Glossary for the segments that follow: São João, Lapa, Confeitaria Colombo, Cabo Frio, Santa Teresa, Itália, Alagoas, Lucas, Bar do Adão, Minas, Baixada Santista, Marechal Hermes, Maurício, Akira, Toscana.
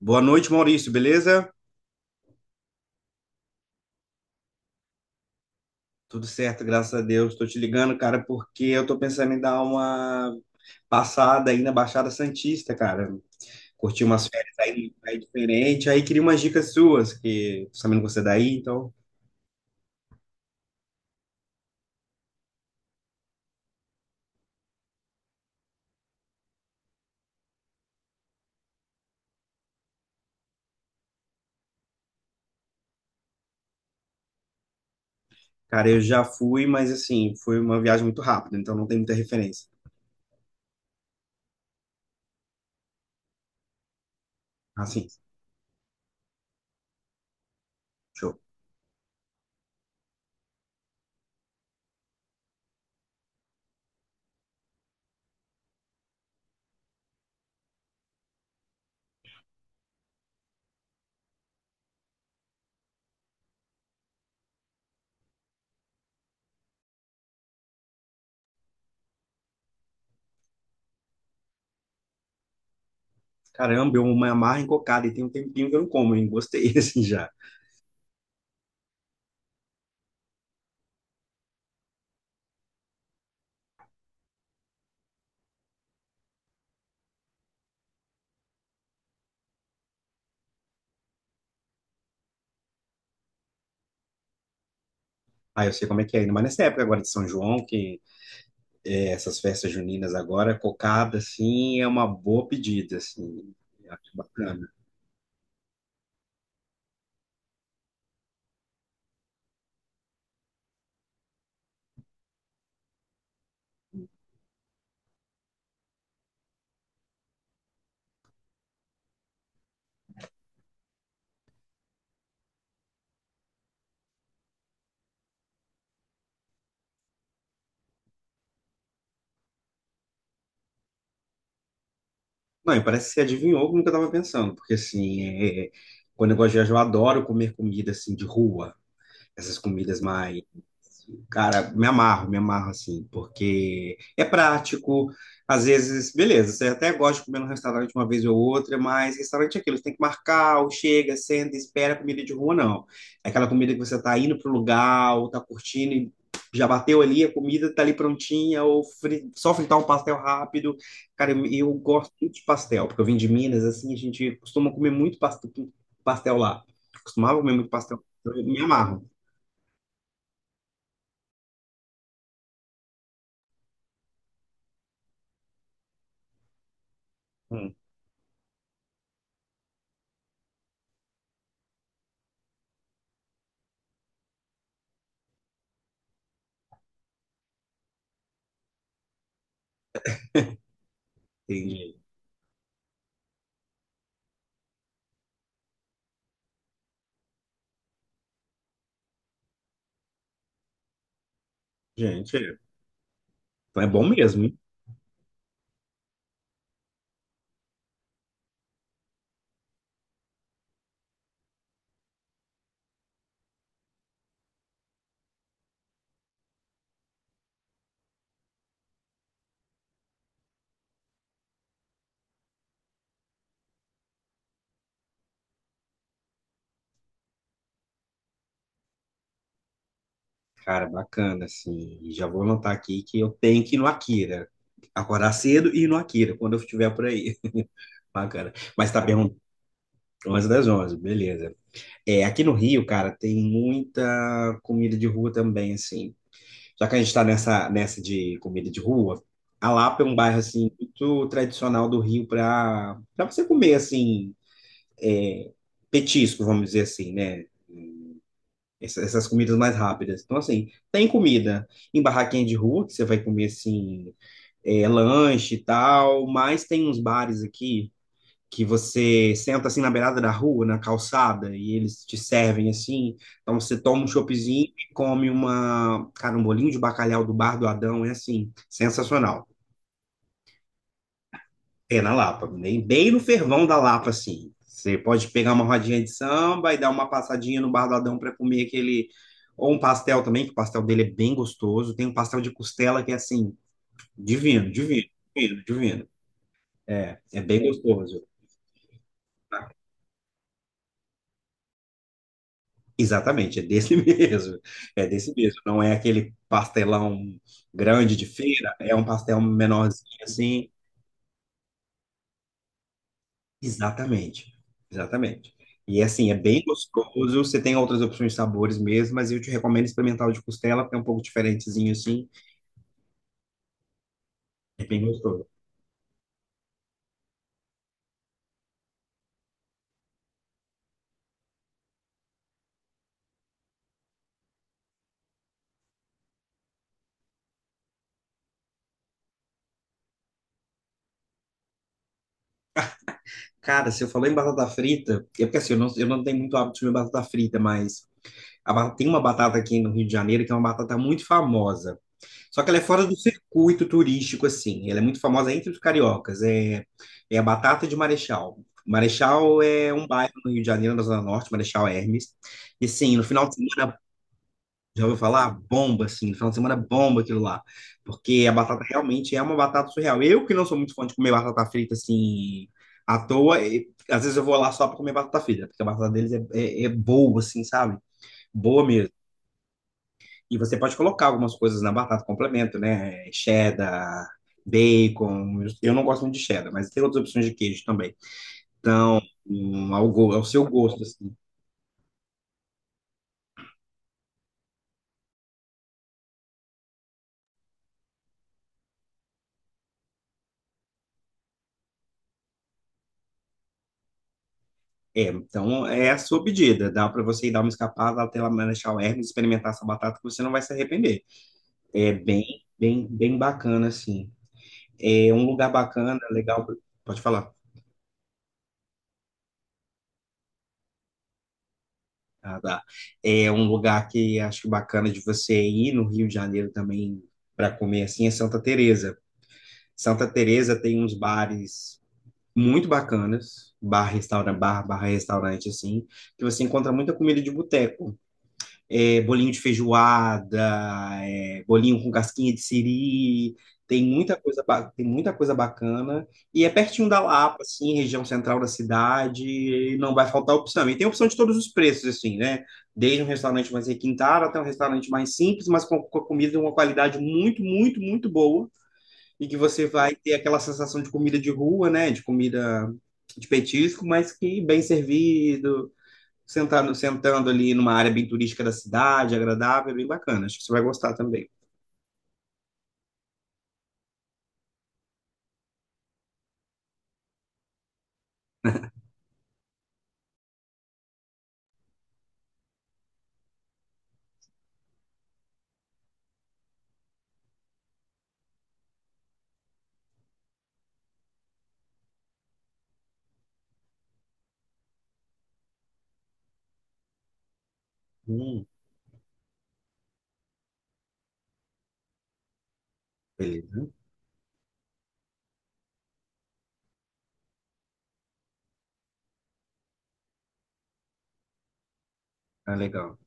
Boa noite, Maurício, beleza? Tudo certo, graças a Deus. Estou te ligando, cara, porque eu tô pensando em dar uma passada aí na Baixada Santista, cara. Curtir umas férias aí, aí diferente. Aí queria umas dicas suas, que tô sabendo que você é daí, então. Cara, eu já fui, mas assim, foi uma viagem muito rápida, então não tem muita referência. Assim, show. Caramba, eu me amarro em cocada e tem um tempinho que eu não como, hein? Gostei, assim, já. Aí eu sei como é que é, ainda mais nessa época agora de São João, que é, essas festas juninas agora, cocada, assim, é uma boa pedida, assim. Acho bacana. Não, e parece que você adivinhou como que eu tava pensando, porque, assim, quando eu gosto de viajar, eu adoro comer comida, assim, de rua. Essas comidas mais... Cara, me amarro assim, porque é prático. Às vezes, beleza, você até gosta de comer no restaurante uma vez ou outra, mas restaurante é aquilo, você tem que marcar, ou chega, senta, espera. Comida de rua, não. É aquela comida que você tá indo pro lugar, ou tá curtindo e já bateu ali, a comida tá ali prontinha, ou só fritar um pastel rápido. Cara, eu gosto muito de pastel, porque eu vim de Minas, assim, a gente costuma comer muito pastel, pastel lá. Costumava comer muito pastel, então eu me amarro. Hum, entendi. Gente, é. Então é bom mesmo, hein? Cara, bacana, assim. E já vou anotar aqui que eu tenho que ir no Akira. Acordar cedo e ir no Akira, quando eu estiver por aí. Bacana. Mas tá perguntando, onze, das 11, beleza. É, aqui no Rio, cara, tem muita comida de rua também, assim. Já que a gente tá nessa de comida de rua, a Lapa é um bairro, assim, muito tradicional do Rio pra você comer, assim, é, petisco, vamos dizer assim, né? Essas comidas mais rápidas. Então, assim, tem comida em barraquinha de rua, que você vai comer, assim, é, lanche e tal, mas tem uns bares aqui que você senta, assim, na beirada da rua, na calçada, e eles te servem, assim. Então, você toma um choppzinho e come uma, cara, um bolinho de bacalhau do Bar do Adão, é, assim, sensacional. É na Lapa, bem, bem no fervão da Lapa, assim. Você pode pegar uma rodinha de samba e dar uma passadinha no Bar do Adão para comer aquele. Ou um pastel também, que o pastel dele é bem gostoso. Tem um pastel de costela que é assim, divino, divino, divino, divino. É, é bem gostoso. Tá? Exatamente, é desse mesmo. É desse mesmo. Não é aquele pastelão grande de feira, é um pastel menorzinho assim. Exatamente, exatamente. E é assim, é bem gostoso. Você tem outras opções de sabores mesmo, mas eu te recomendo experimentar o de costela, porque é um pouco diferentezinho assim, é bem gostoso. Cara, você falou em batata frita, é porque assim, eu não tenho muito hábito de comer batata frita, mas tem uma batata aqui no Rio de Janeiro que é uma batata muito famosa. Só que ela é fora do circuito turístico, assim. Ela é muito famosa entre os cariocas. É, é a batata de Marechal. Marechal é um bairro no Rio de Janeiro, na Zona Norte, Marechal Hermes. E sim, no final de semana... Já ouviu falar? Bomba, assim, no final de semana bomba aquilo lá. Porque a batata realmente é uma batata surreal. Eu que não sou muito fã de comer batata frita assim à toa, e, às vezes eu vou lá só para comer batata frita, porque a batata deles é, é boa, assim, sabe? Boa mesmo. E você pode colocar algumas coisas na batata, complemento, né? Cheddar, bacon. Eu não gosto muito de cheddar, mas tem outras opções de queijo também. Então, ao seu gosto, assim. É, então é a sua pedida. Dá para você ir dar uma escapada até lá Marechal Hermes, experimentar essa batata que você não vai se arrepender. É bem, bem, bem bacana, assim. É um lugar bacana, legal. Pode falar. Ah, tá. É um lugar que acho que bacana de você ir no Rio de Janeiro também para comer assim é Santa Teresa. Santa Teresa tem uns bares muito bacanas, bar, restaurante, bar, barra restaurante assim, que você encontra muita comida de boteco. É, bolinho de feijoada, é, bolinho com casquinha de siri, tem muita coisa, tem muita coisa bacana. E é pertinho da Lapa, assim, região central da cidade, e não vai faltar opção. E tem opção de todos os preços, assim, né? Desde um restaurante mais requintado até um restaurante mais simples, mas com a comida de uma qualidade muito, muito, muito boa. E que você vai ter aquela sensação de comida de rua, né? De comida de petisco, mas que bem servido, sentando, sentando ali numa área bem turística da cidade, agradável, bem bacana. Acho que você vai gostar também. Hum, beleza. Ah, legal.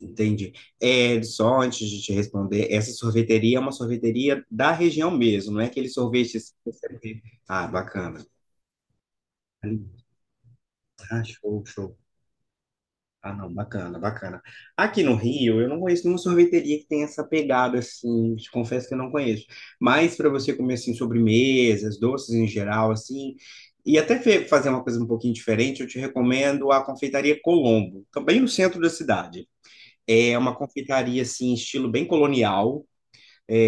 Entendi. É, só antes de te responder, essa sorveteria é uma sorveteria da região mesmo, não é aquele sorvete que você vê. Ah, bacana. Ah, show, show. Ah, não, bacana, bacana. Aqui no Rio, eu não conheço nenhuma sorveteria que tenha essa pegada, assim, te confesso que eu não conheço. Mas para você comer, assim, sobremesas, doces em geral, assim, e até fazer uma coisa um pouquinho diferente, eu te recomendo a Confeitaria Colombo, também no centro da cidade. É uma confeitaria, assim, estilo bem colonial,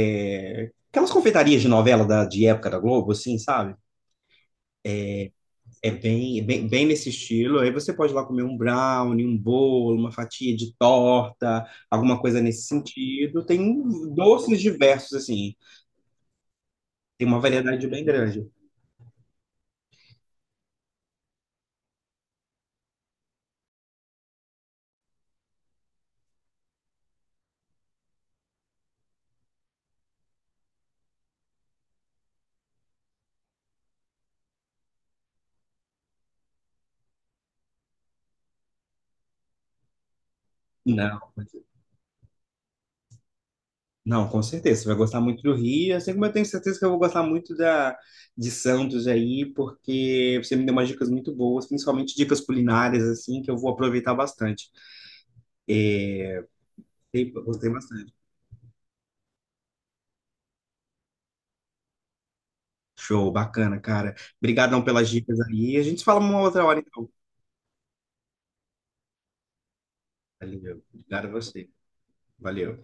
é, aquelas confeitarias de novela de época da Globo, assim, sabe? É bem, bem nesse estilo. Aí você pode ir lá comer um brownie, um bolo, uma fatia de torta, alguma coisa nesse sentido. Tem doces diversos, assim. Tem uma variedade bem grande. Não, não, com certeza. Você vai gostar muito do Rio, assim como eu tenho certeza que eu vou gostar muito de Santos aí, porque você me deu umas dicas muito boas, principalmente dicas culinárias, assim, que eu vou aproveitar bastante. Gostei, gostei bastante. Show, bacana, cara. Obrigadão pelas dicas aí. A gente se fala uma outra hora, então. Valeu. Obrigado a você. Valeu.